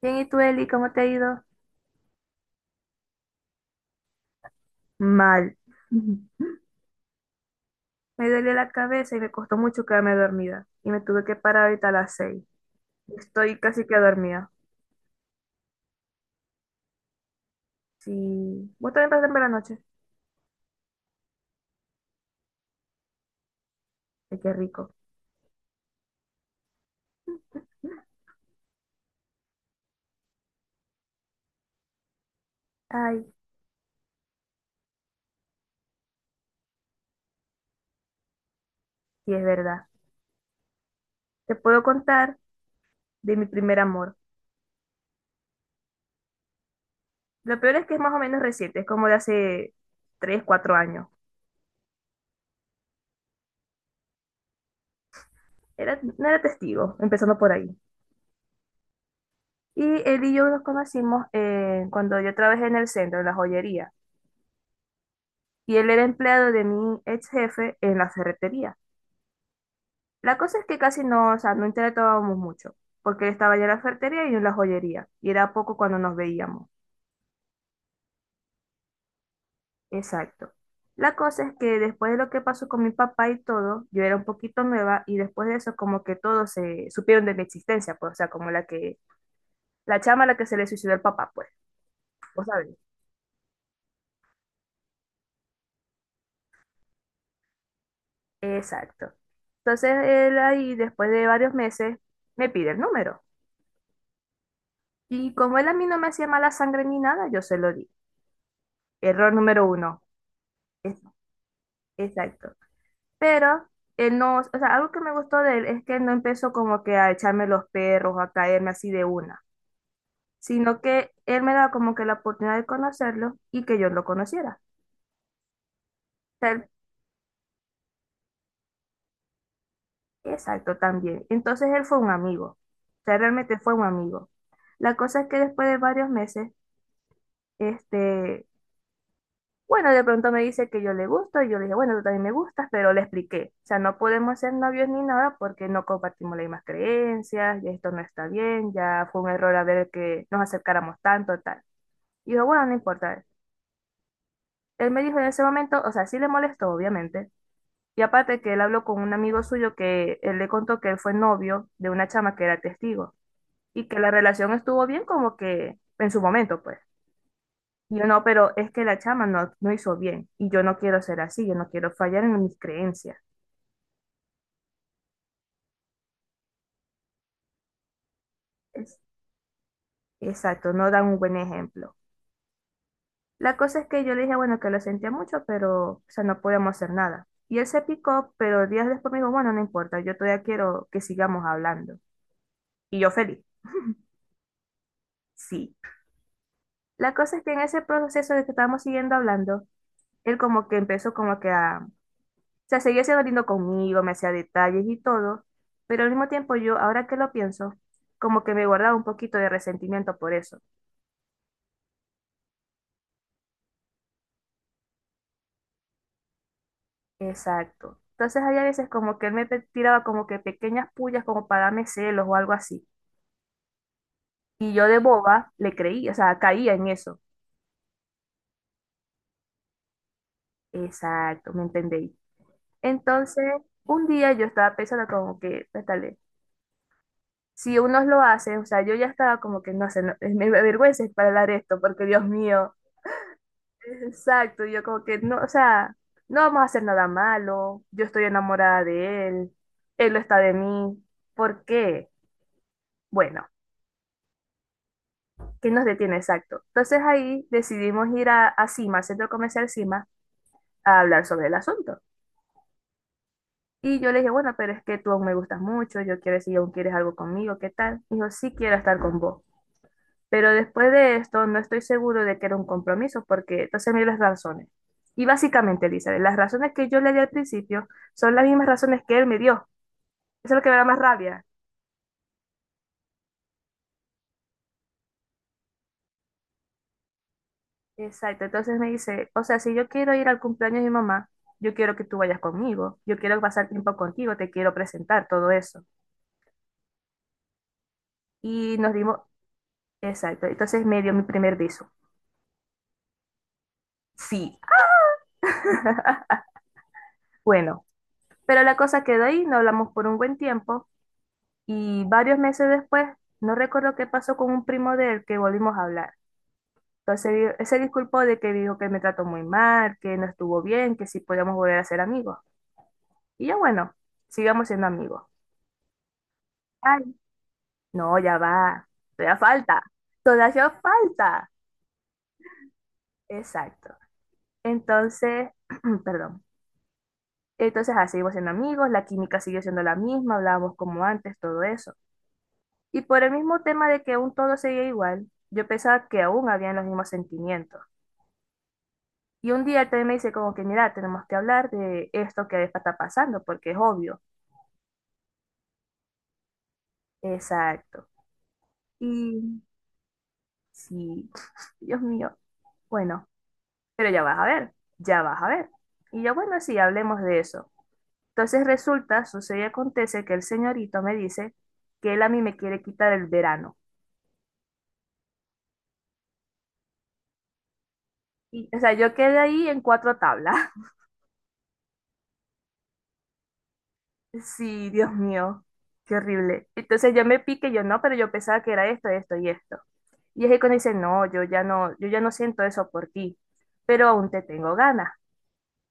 Bien, ¿y tú, Eli, cómo te ha ido? Mal. Me duele la cabeza y me costó mucho quedarme dormida. Y me tuve que parar ahorita a las 6. Estoy casi que dormida. Sí. ¿Vos también pasaste por la noche? Ay, qué rico. Ay, sí, es verdad. Te puedo contar de mi primer amor. Lo peor es que es más o menos reciente, es como de hace 3, 4 años. Era, no era testigo, empezando por ahí. Y él y yo nos conocimos cuando yo trabajé en el centro, en la joyería. Y él era empleado de mi ex jefe en la ferretería. La cosa es que casi no, o sea, no interactuábamos mucho, porque él estaba ya en la ferretería y yo en la joyería, y era poco cuando nos veíamos. Exacto. La cosa es que después de lo que pasó con mi papá y todo, yo era un poquito nueva y después de eso como que todos se supieron de mi existencia, pues, o sea, como la que, la chama a la que se le suicidó el papá, pues, vos sabés. Exacto. Entonces él ahí, después de varios meses, me pide el número. Y como él a mí no me hacía mala sangre ni nada, yo se lo di. Error número 1. Es, exacto. Pero él no, o sea, algo que me gustó de él es que él no empezó como que a echarme los perros, a caerme así de una, sino que él me da como que la oportunidad de conocerlo y que yo lo conociera. O sea, exacto, también. Entonces él fue un amigo. O sea, realmente fue un amigo. La cosa es que después de varios meses, este, bueno, de pronto me dice que yo le gusto y yo le dije, bueno, tú también me gustas, pero le expliqué. O sea, no podemos ser novios ni nada porque no compartimos las mismas creencias, y esto no está bien, ya fue un error haber que nos acercáramos tanto, tal. Y yo, bueno, no importa. Él me dijo en ese momento, o sea, sí le molestó, obviamente. Y aparte que él habló con un amigo suyo que él le contó que él fue novio de una chama que era testigo y que la relación estuvo bien como que en su momento, pues. Y yo no, pero es que la chama no, no hizo bien y yo no quiero ser así, yo no quiero fallar en mis creencias. Es- exacto, no dan un buen ejemplo. La cosa es que yo le dije, bueno, que lo sentía mucho, pero, o sea, no podíamos hacer nada. Y él se picó, pero días después me dijo, bueno, no importa, yo todavía quiero que sigamos hablando. Y yo feliz, sí. La cosa es que en ese proceso de que estábamos siguiendo hablando, él como que empezó como que a sea, seguía siendo lindo conmigo, me hacía detalles y todo, pero al mismo tiempo yo, ahora que lo pienso, como que me guardaba un poquito de resentimiento por eso. Exacto. Entonces hay a veces como que él me tiraba como que pequeñas pullas como para darme celos o algo así. Y yo de boba le creí, o sea, caía en eso. Exacto, ¿me entendéis? Entonces, un día yo estaba pensando como que, pétale, si unos lo hacen, o sea, yo ya estaba como que, no sé, me avergüenza para hablar esto, porque Dios mío. Exacto, yo como que no, o sea, no vamos a hacer nada malo, yo estoy enamorada de él, él lo está de mí, ¿por qué? Bueno, ¿qué nos detiene exacto? Entonces ahí decidimos ir a Cima, al centro comercial Cima, a hablar sobre el asunto. Y yo le dije, bueno, pero es que tú aún me gustas mucho, yo quiero, si aún quieres algo conmigo, ¿qué tal? Dijo, sí quiero estar con vos. Pero después de esto, no estoy seguro de que era un compromiso, porque entonces me dio las razones. Y básicamente, Elizabeth, las razones que yo le di al principio son las mismas razones que él me dio. Eso es lo que me da más rabia. Exacto. Entonces me dice, o sea, si yo quiero ir al cumpleaños de mi mamá, yo quiero que tú vayas conmigo, yo quiero pasar tiempo contigo, te quiero presentar todo eso. Y nos dimos, exacto. Entonces me dio mi primer beso. Sí. Bueno, pero la cosa quedó ahí, no hablamos por un buen tiempo. Y varios meses después, no recuerdo qué pasó con un primo de él que volvimos a hablar. Entonces él se disculpó de que dijo que me trató muy mal, que no estuvo bien, que si podíamos volver a ser amigos. Y yo, bueno, sigamos siendo amigos. Ay, no, ya va. Todavía falta. Todavía falta. Exacto. Entonces, perdón. Entonces, así seguimos siendo amigos, la química siguió siendo la misma, hablábamos como antes, todo eso. Y por el mismo tema de que aún todo seguía igual, yo pensaba que aún habían los mismos sentimientos. Y un día él también me dice como que, mira, tenemos que hablar de esto que está pasando, porque es obvio. Exacto. Y sí, Dios mío, bueno, pero ya vas a ver, ya vas a ver. Y yo, bueno, sí, hablemos de eso. Entonces resulta, sucede y acontece que el señorito me dice que él a mí me quiere quitar el verano. Y, o sea, yo quedé ahí en cuatro tablas. Sí, Dios mío, qué horrible. Entonces yo me piqué, yo no, pero yo pensaba que era esto, esto y esto. Y es que cuando dice, no, yo ya no siento eso por ti, pero aún te tengo ganas.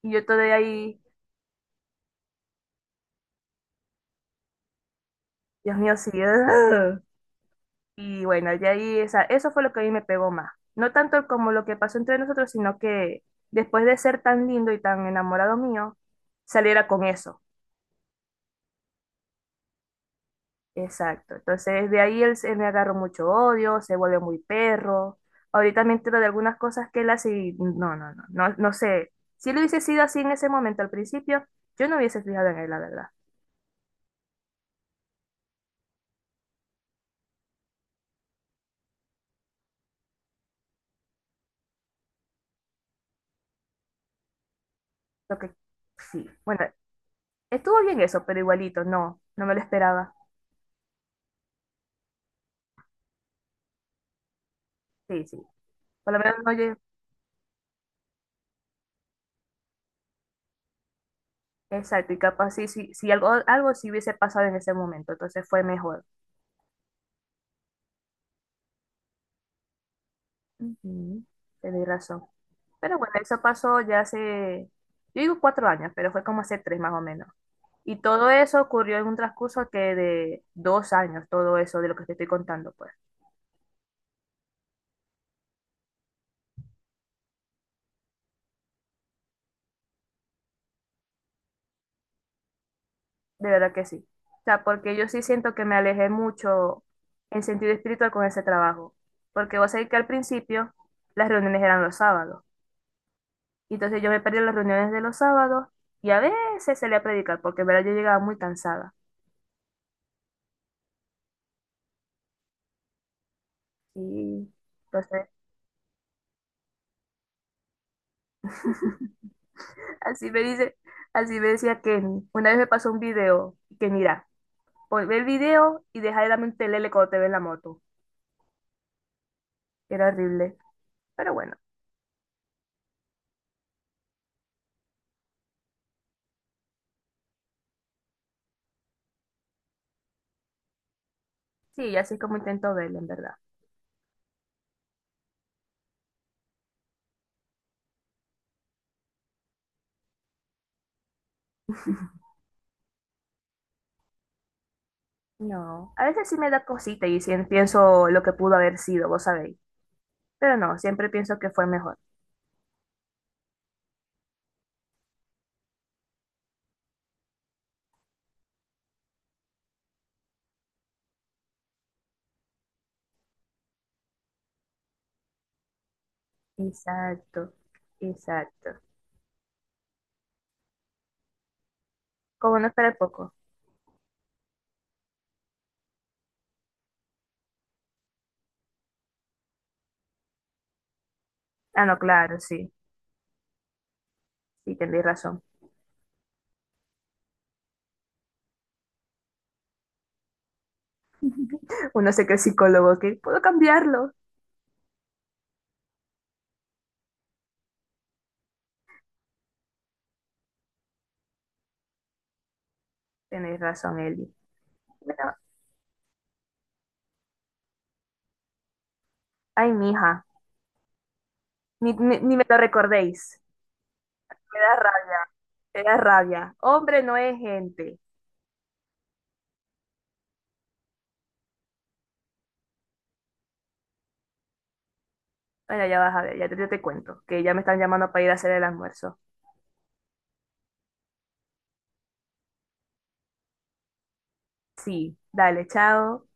Y yo todavía ahí, Dios mío, sí. Ugh. Y bueno, de ahí, eso fue lo que a mí me pegó más. No tanto como lo que pasó entre nosotros, sino que después de ser tan lindo y tan enamorado mío, saliera con eso. Exacto. Entonces, de ahí él, me agarró mucho odio, se volvió muy perro. Ahorita me entero de algunas cosas que él hace y no, no, no, no, no sé. Si lo hubiese sido así en ese momento al principio, yo no hubiese fijado en él, la verdad. Lo que sí. Bueno, estuvo bien eso, pero igualito, no, no me lo esperaba. Sí, sí. Por lo menos no llegué. Exacto, y capaz sí, sí, sí, algo, algo sí hubiese pasado en ese momento, entonces fue mejor. Ujú. Tenéis razón. Pero bueno, eso pasó ya hace, yo digo 4 años, pero fue como hace 3 más o menos. Y todo eso ocurrió en un transcurso que de 2 años, todo eso de lo que te estoy contando, pues. De verdad que sí. O sea, porque yo sí siento que me alejé mucho en sentido espiritual con ese trabajo. Porque vos sabés que al principio las reuniones eran los sábados. Y entonces yo me perdí las reuniones de los sábados y a veces salía a predicar, porque en verdad yo llegaba muy cansada. Y entonces, así me dice, así me decía Kenny. Una vez me pasó un video que mira, pues ve el video y deja de la mente lele cuando te ve en la moto. Era horrible. Pero bueno, sí, así es como intento verlo, en verdad. No. A veces sí me da cosita y sí pienso lo que pudo haber sido, vos sabéis. Pero no, siempre pienso que fue mejor. Exacto, exacto. Como no esperar poco. Ah, no, claro, sí. Sí, tenéis razón. Uno sé que es psicólogo, que puedo cambiarlo. Tenéis razón, Eli. Bueno, ay, mija, ni me lo recordéis. Me da rabia, me da rabia. Hombre, no es gente. Bueno, ya vas a ver, yo te cuento, que ya me están llamando para ir a hacer el almuerzo. Sí, dale, chao.